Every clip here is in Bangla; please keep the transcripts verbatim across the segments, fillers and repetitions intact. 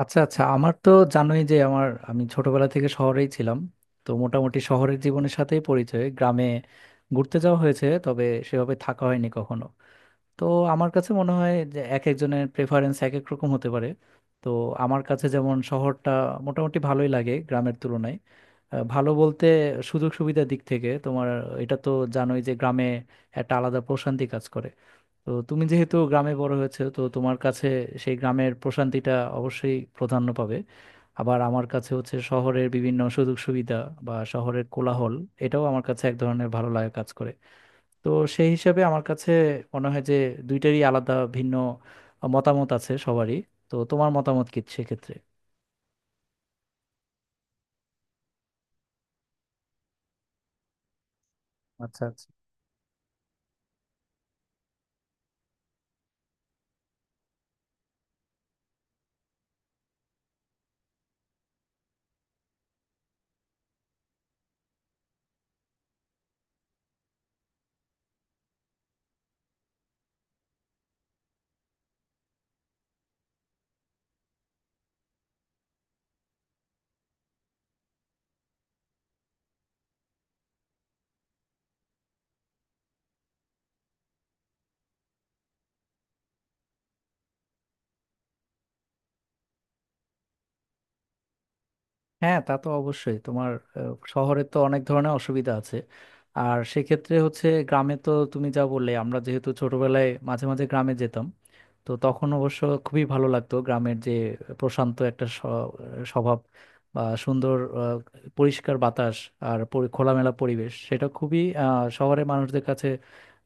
আচ্ছা আচ্ছা, আমার তো জানোই যে আমার আমি ছোটবেলা থেকে শহরেই ছিলাম। তো মোটামুটি শহরের জীবনের সাথেই পরিচয়। গ্রামে ঘুরতে যাওয়া হয়েছে, তবে সেভাবে থাকা হয়নি কখনো। তো আমার কাছে মনে হয় যে এক একজনের প্রেফারেন্স এক এক রকম হতে পারে। তো আমার কাছে যেমন শহরটা মোটামুটি ভালোই লাগে গ্রামের তুলনায়। আহ, ভালো বলতে সুযোগ সুবিধার দিক থেকে। তোমার এটা তো জানোই যে গ্রামে একটা আলাদা প্রশান্তি কাজ করে। তো তুমি যেহেতু গ্রামে বড় হয়েছে, তো তোমার কাছে সেই গ্রামের প্রশান্তিটা অবশ্যই প্রাধান্য পাবে। আবার আমার কাছে হচ্ছে শহরের বিভিন্ন সুযোগ সুবিধা বা শহরের কোলাহল, এটাও আমার কাছে এক ধরনের ভালো লাগা কাজ করে। তো সেই হিসাবে আমার কাছে মনে হয় যে দুইটারই আলাদা ভিন্ন মতামত আছে সবারই। তো তোমার মতামত কি সেক্ষেত্রে? আচ্ছা আচ্ছা। হ্যাঁ, তা তো অবশ্যই। তোমার আহ, শহরে তো অনেক ধরনের অসুবিধা আছে। আর সেক্ষেত্রে হচ্ছে গ্রামে তো তুমি যা বললে, আমরা যেহেতু ছোটবেলায় মাঝে মাঝে গ্রামে যেতাম, তো তখন অবশ্য খুবই ভালো লাগতো গ্রামের যে প্রশান্ত একটা স- স্বভাব বা সুন্দর আহ, পরিষ্কার বাতাস আর পরি- খোলামেলা পরিবেশ, সেটা খুবই আহ, শহরের মানুষদের কাছে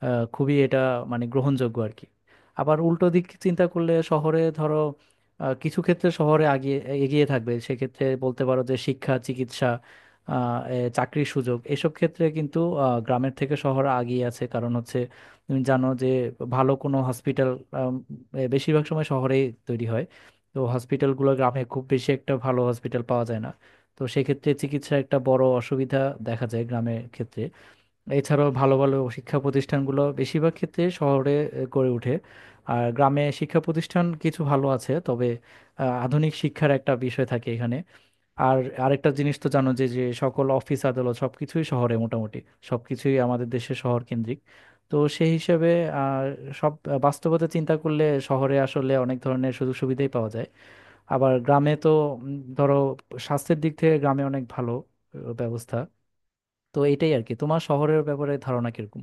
আহ, খুবই এটা মানে গ্রহণযোগ্য আর কি। আবার উল্টো দিক চিন্তা করলে, শহরে ধরো আহ, কিছু ক্ষেত্রে শহরে আগিয়ে এগিয়ে থাকবে। সেক্ষেত্রে বলতে পারো যে শিক্ষা, চিকিৎসা, আহ, এ, চাকরির সুযোগ, এসব ক্ষেত্রে কিন্তু আহ, গ্রামের থেকে শহর আগিয়ে আছে। কারণ হচ্ছে তুমি জানো যে ভালো কোনো হসপিটাল বেশিরভাগ সময় শহরেই তৈরি হয়। তো হসপিটালগুলো গ্রামে খুব বেশি একটা ভালো হসপিটাল পাওয়া যায় না। তো সেক্ষেত্রে চিকিৎসার একটা বড় অসুবিধা দেখা যায় গ্রামের ক্ষেত্রে। এছাড়াও ভালো ভালো শিক্ষা প্রতিষ্ঠানগুলো বেশিরভাগ ক্ষেত্রে শহরে আহ, গড়ে ওঠে। আর গ্রামে শিক্ষা প্রতিষ্ঠান কিছু ভালো আছে, তবে আহ, আধুনিক শিক্ষার একটা বিষয় থাকে এখানে। আর আরেকটা জিনিস তো জানো যে যে সকল অফিস আদালত সবকিছুই শহরে মোটামুটি, সবকিছুই আমাদের দেশে শহর কেন্দ্রিক। তো সেই হিসেবে আহ, সব বাস্তবতা চিন্তা করলে শহরে আসলে অনেক ধরনের সুযোগ সুবিধাই পাওয়া যায়। আবার গ্রামে তো উম, ধরো স্বাস্থ্যের দিক থেকে গ্রামে অনেক ভালো আহ, ব্যবস্থা। তো এটাই আর কি। তোমার শহরের ব্যাপারে ধারণা কিরকম?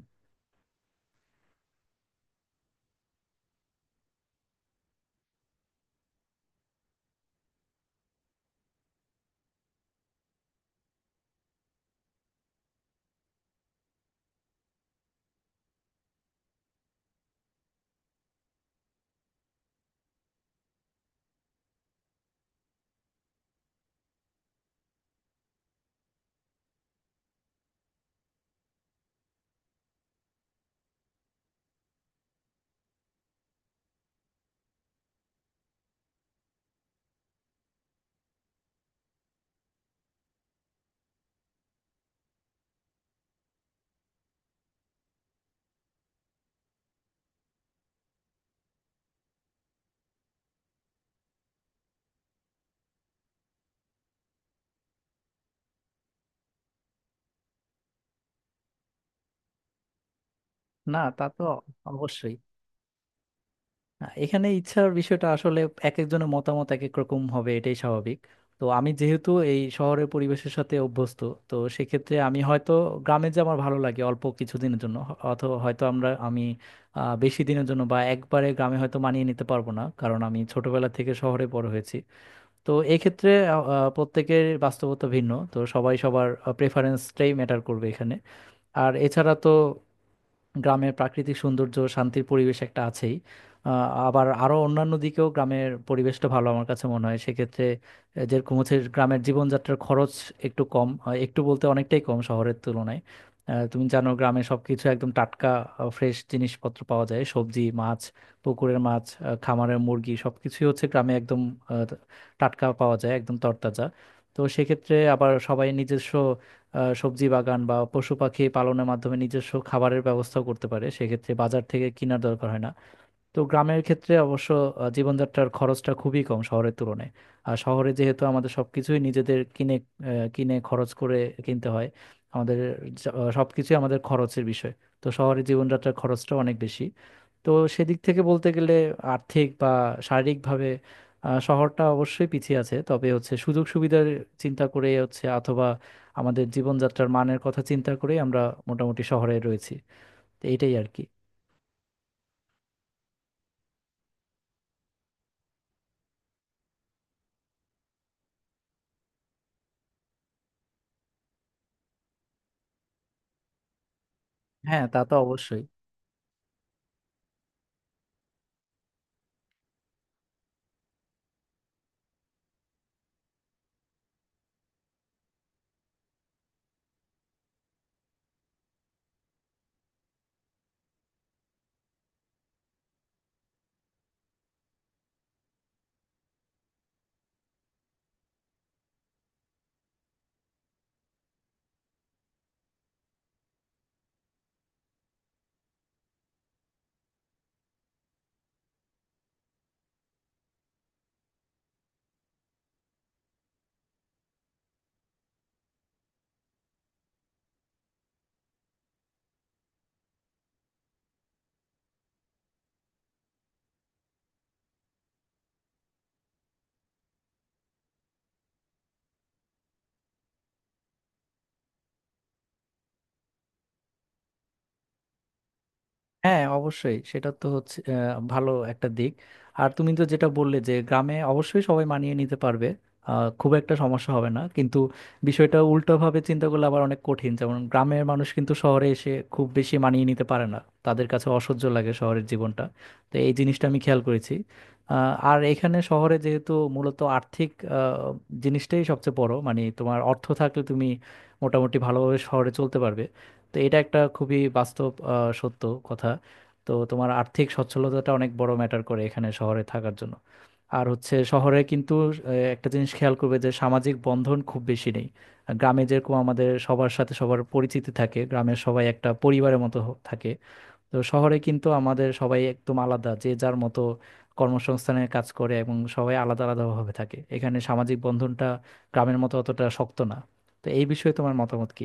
না, তা তো অবশ্যই। আহ, এখানে ইচ্ছার বিষয়টা আসলে এক একজনের মতামত এক এক রকম হবে, এটাই স্বাভাবিক। তো আমি যেহেতু এই শহরের পরিবেশের সাথে অভ্যস্ত, তো সেক্ষেত্রে আমি হয়তো গ্রামে যে আমার ভালো লাগে অল্প কিছুদিনের জন্য, হ- অথবা হয়তো আমরা আমি আহ, বেশি দিনের জন্য বা একবারে গ্রামে হয়তো মানিয়ে নিতে পারবো না। কারণ আমি ছোটবেলা থেকে শহরে বড় হয়েছি। তো এক্ষেত্রে আহ, আহ, প্রত্যেকের বাস্তবতা ভিন্ন, তো সবাই সবার প্রেফারেন্সটাই ম্যাটার করবে এখানে। আর এছাড়া তো গ্রামের প্রাকৃতিক সৌন্দর্য, শান্তির পরিবেশ একটা আছেই। আহ, আবার আরো অন্যান্য দিকেও গ্রামের পরিবেশটা ভালো আমার কাছে মনে হয় সেক্ষেত্রে। আহ, যেরকম হচ্ছে গ্রামের জীবনযাত্রার খরচ একটু কম, আহ, একটু বলতে অনেকটাই কম শহরের তুলনায়। আহ, তুমি জানো গ্রামে সবকিছু একদম টাটকা, ফ্রেশ জিনিসপত্র পাওয়া যায়, সবজি, মাছ, পুকুরের মাছ, আহ, খামারের মুরগি সবকিছুই হচ্ছে গ্রামে একদম আহ, টাটকা পাওয়া যায়, একদম তরতাজা। তো সেক্ষেত্রে আবার সবাই নিজস্ব আহ, সবজি বাগান বা পশু পাখি পালনের মাধ্যমে নিজস্ব খাবারের ব্যবস্থাও করতে পারে, সেক্ষেত্রে বাজার থেকে কেনার দরকার হয় না। তো গ্রামের ক্ষেত্রে অবশ্য আহ, জীবনযাত্রার খরচটা খুবই কম শহরের তুলনায়। আর শহরে যেহেতু আমাদের সবকিছুই নিজেদের কিনে আহ, কিনে খরচ করে কিনতে হয় আমাদের, য- আহ, সবকিছুই আমাদের খরচের বিষয়। তো শহরে জীবনযাত্রার খরচটা অনেক বেশি। তো সেদিক থেকে বলতে গেলে আর্থিক বা শারীরিকভাবে আহ, শহরটা অবশ্যই পিছিয়ে আছে। তবে হচ্ছে সুযোগ সুবিধার চিন্তা করে হচ্ছে অথবা আমাদের জীবনযাত্রার মানের কথা চিন্তা করে আমরা মোটামুটি শহরে রয়েছি। তো এইটাই আর কি। হ্যাঁ, তা তো অবশ্যই। হ্যাঁ, অবশ্যই সেটা তো হচ্ছে আহ, ভালো একটা দিক। আর তুমি তো যেটা বললে যে গ্রামে অবশ্যই সবাই মানিয়ে নিতে পারবে, আহ, খুব একটা সমস্যা হবে না, কিন্তু বিষয়টা উল্টোভাবে চিন্তা করলে আবার অনেক কঠিন। যেমন গ্রামের মানুষ কিন্তু শহরে এসে খুব বেশি মানিয়ে নিতে পারে না, তাদের কাছে অসহ্য লাগে শহরের জীবনটা। তো এই জিনিসটা আমি খেয়াল করেছি। আহ, আর এখানে শহরে যেহেতু মূলত আর্থিক আহ, জিনিসটাই সবচেয়ে বড়, মানে তোমার অর্থ থাকলে তুমি মোটামুটি ভালোভাবে শহরে চলতে পারবে। তো এটা একটা খুবই বাস্তব আহ, সত্য কথা। তো তোমার আর্থিক সচ্ছলতাটা অনেক বড় ম্যাটার করে এখানে শহরে থাকার জন্য। আর হচ্ছে শহরে কিন্তু আহ, একটা জিনিস খেয়াল করবে যে সামাজিক বন্ধন খুব বেশি নেই। আর গ্রামে যেরকম আমাদের সবার সাথে সবার পরিচিতি থাকে, গ্রামের সবাই একটা পরিবারের মতো হ- থাকে। তো শহরে কিন্তু আমাদের সবাই একদম আলাদা, যে যার মতো কর্মসংস্থানে কাজ করে এবং সবাই আলাদা আলাদাভাবে থাকে। এখানে সামাজিক বন্ধনটা গ্রামের মতো অতটা শক্ত না। তো এই বিষয়ে তোমার মতামত কি?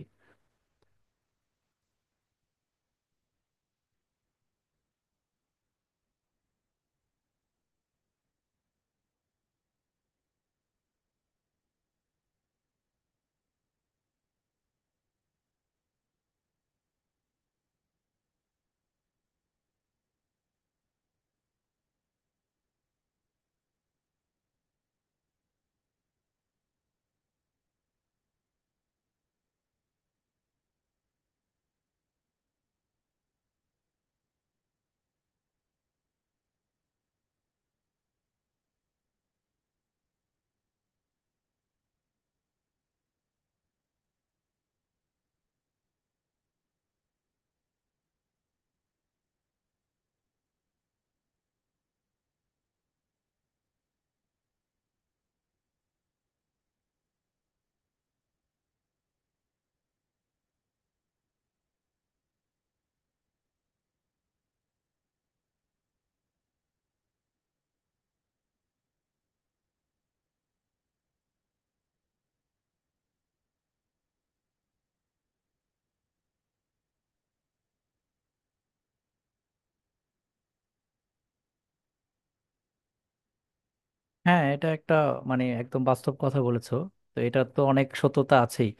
হ্যাঁ, এটা একটা মানে একদম বাস্তব কথা বলেছো। তো এটা তো অনেক সত্যতা আছেই।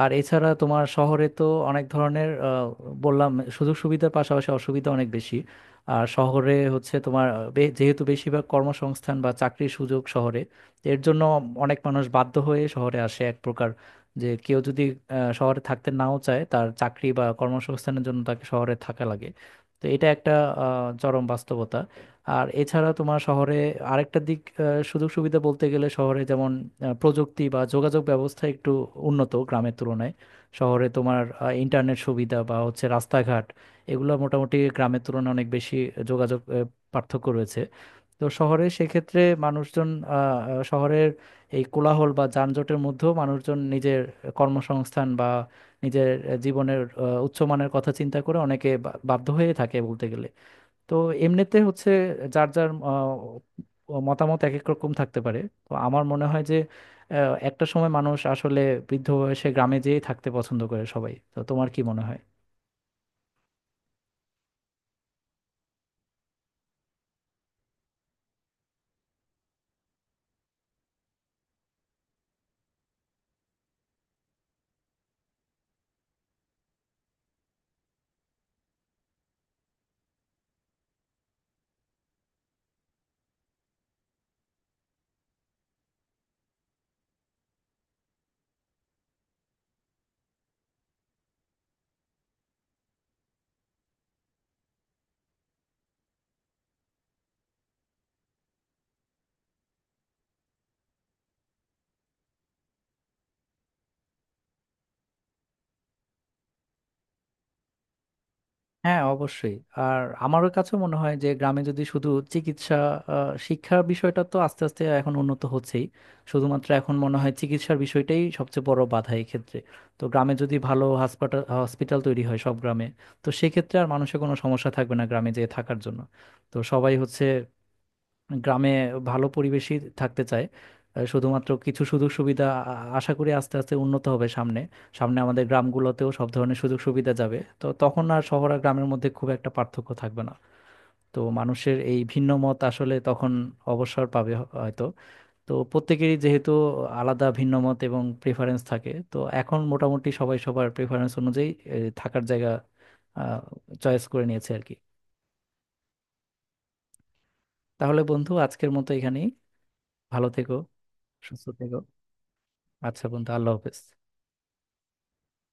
আর এছাড়া তোমার শহরে তো অনেক ধরনের আহ, বললাম সুযোগ সুবিধার পাশাপাশি অসুবিধা অনেক বেশি। আর শহরে হচ্ছে তোমার আহ, বে- যেহেতু বেশিরভাগ কর্মসংস্থান বা চাকরির সুযোগ শহরে, এর জন্য অনেক মানুষ বাধ্য হয়ে শহরে আসে এক প্রকার। যে কেউ যদি আহ, শহরে থাকতে নাও চায়, তার চাকরি বা কর্মসংস্থানের জন্য তাকে শহরে থাকা লাগে। তো এটা একটা আহ, চরম বাস্তবতা। আর এছাড়া তোমার শহরে আরেকটা দিক, আহ, সুযোগ সুবিধা বলতে গেলে শহরে যেমন আহ, প্রযুক্তি বা যোগাযোগ ব্যবস্থা একটু উন্নত গ্রামের তুলনায়। শহরে তোমার ইন্টারনেট সুবিধা বা হচ্ছে রাস্তাঘাট, এগুলো মোটামুটি গ্রামের তুলনায় অনেক বেশি যোগাযোগ আহ, পার্থক্য রয়েছে। তো শহরে সেক্ষেত্রে মানুষজন আহ, আহ, শহরের এই কোলাহল বা যানজটের মধ্যেও মানুষজন নিজের কর্মসংস্থান বা নিজের আহ, জীবনের আহ, উচ্চমানের কথা চিন্তা করে অনেকে বা- বাধ্য হয়ে থাকে বলতে গেলে। তো এমনিতে হচ্ছে যার যার আহ, মতামত এক এক রকম থাকতে পারে। তো আমার মনে হয় যে আহ, একটা সময় মানুষ আসলে বৃদ্ধ বয়সে গ্রামে যেয়েই থাকতে পছন্দ করে সবাই। তো তোমার কি মনে হয়? হ্যাঁ, অবশ্যই। আর আমার কাছে মনে হয় যে গ্রামে যদি শুধু চিকিৎসা, আহ, শিক্ষার বিষয়টা তো আস্তে আস্তে এখন উন্নত হচ্ছেই, শুধুমাত্র এখন মনে হয় চিকিৎসার বিষয়টাই সবচেয়ে বড় বাধা এই ক্ষেত্রে। তো গ্রামে যদি ভালো হাসপাতাল হসপিটাল তৈরি হয় সব গ্রামে, তো সেক্ষেত্রে আর মানুষের কোনো সমস্যা থাকবে না গ্রামে যেয়ে থাকার জন্য। তো সবাই হচ্ছে গ্রামে ভালো পরিবেশই থাকতে চায়। আহ, শুধুমাত্র কিছু সুযোগ সুবিধা আ- আশা করি আস্তে আস্তে উন্নত হবে সামনে। সামনে আমাদের গ্রামগুলোতেও সব ধরনের সুযোগ সুবিধা যাবে, তো তখন আর শহর আর গ্রামের মধ্যে খুব একটা পার্থক্য থাকবে না। তো মানুষের এই ভিন্ন মত আসলে তখন অবসর পাবে হ- হয়তো। তো প্রত্যেকেরই যেহেতু আলাদা ভিন্ন মত এবং প্রেফারেন্স থাকে, তো এখন মোটামুটি সবাই সবার প্রেফারেন্স অনুযায়ী এ, থাকার জায়গা চয়েস করে নিয়েছে আর কি। তাহলে বন্ধু আজকের মতো এখানেই। ভালো থেকো, সুস্থ থেকো। আচ্ছা বন্ধু, আল্লাহ হাফেজ।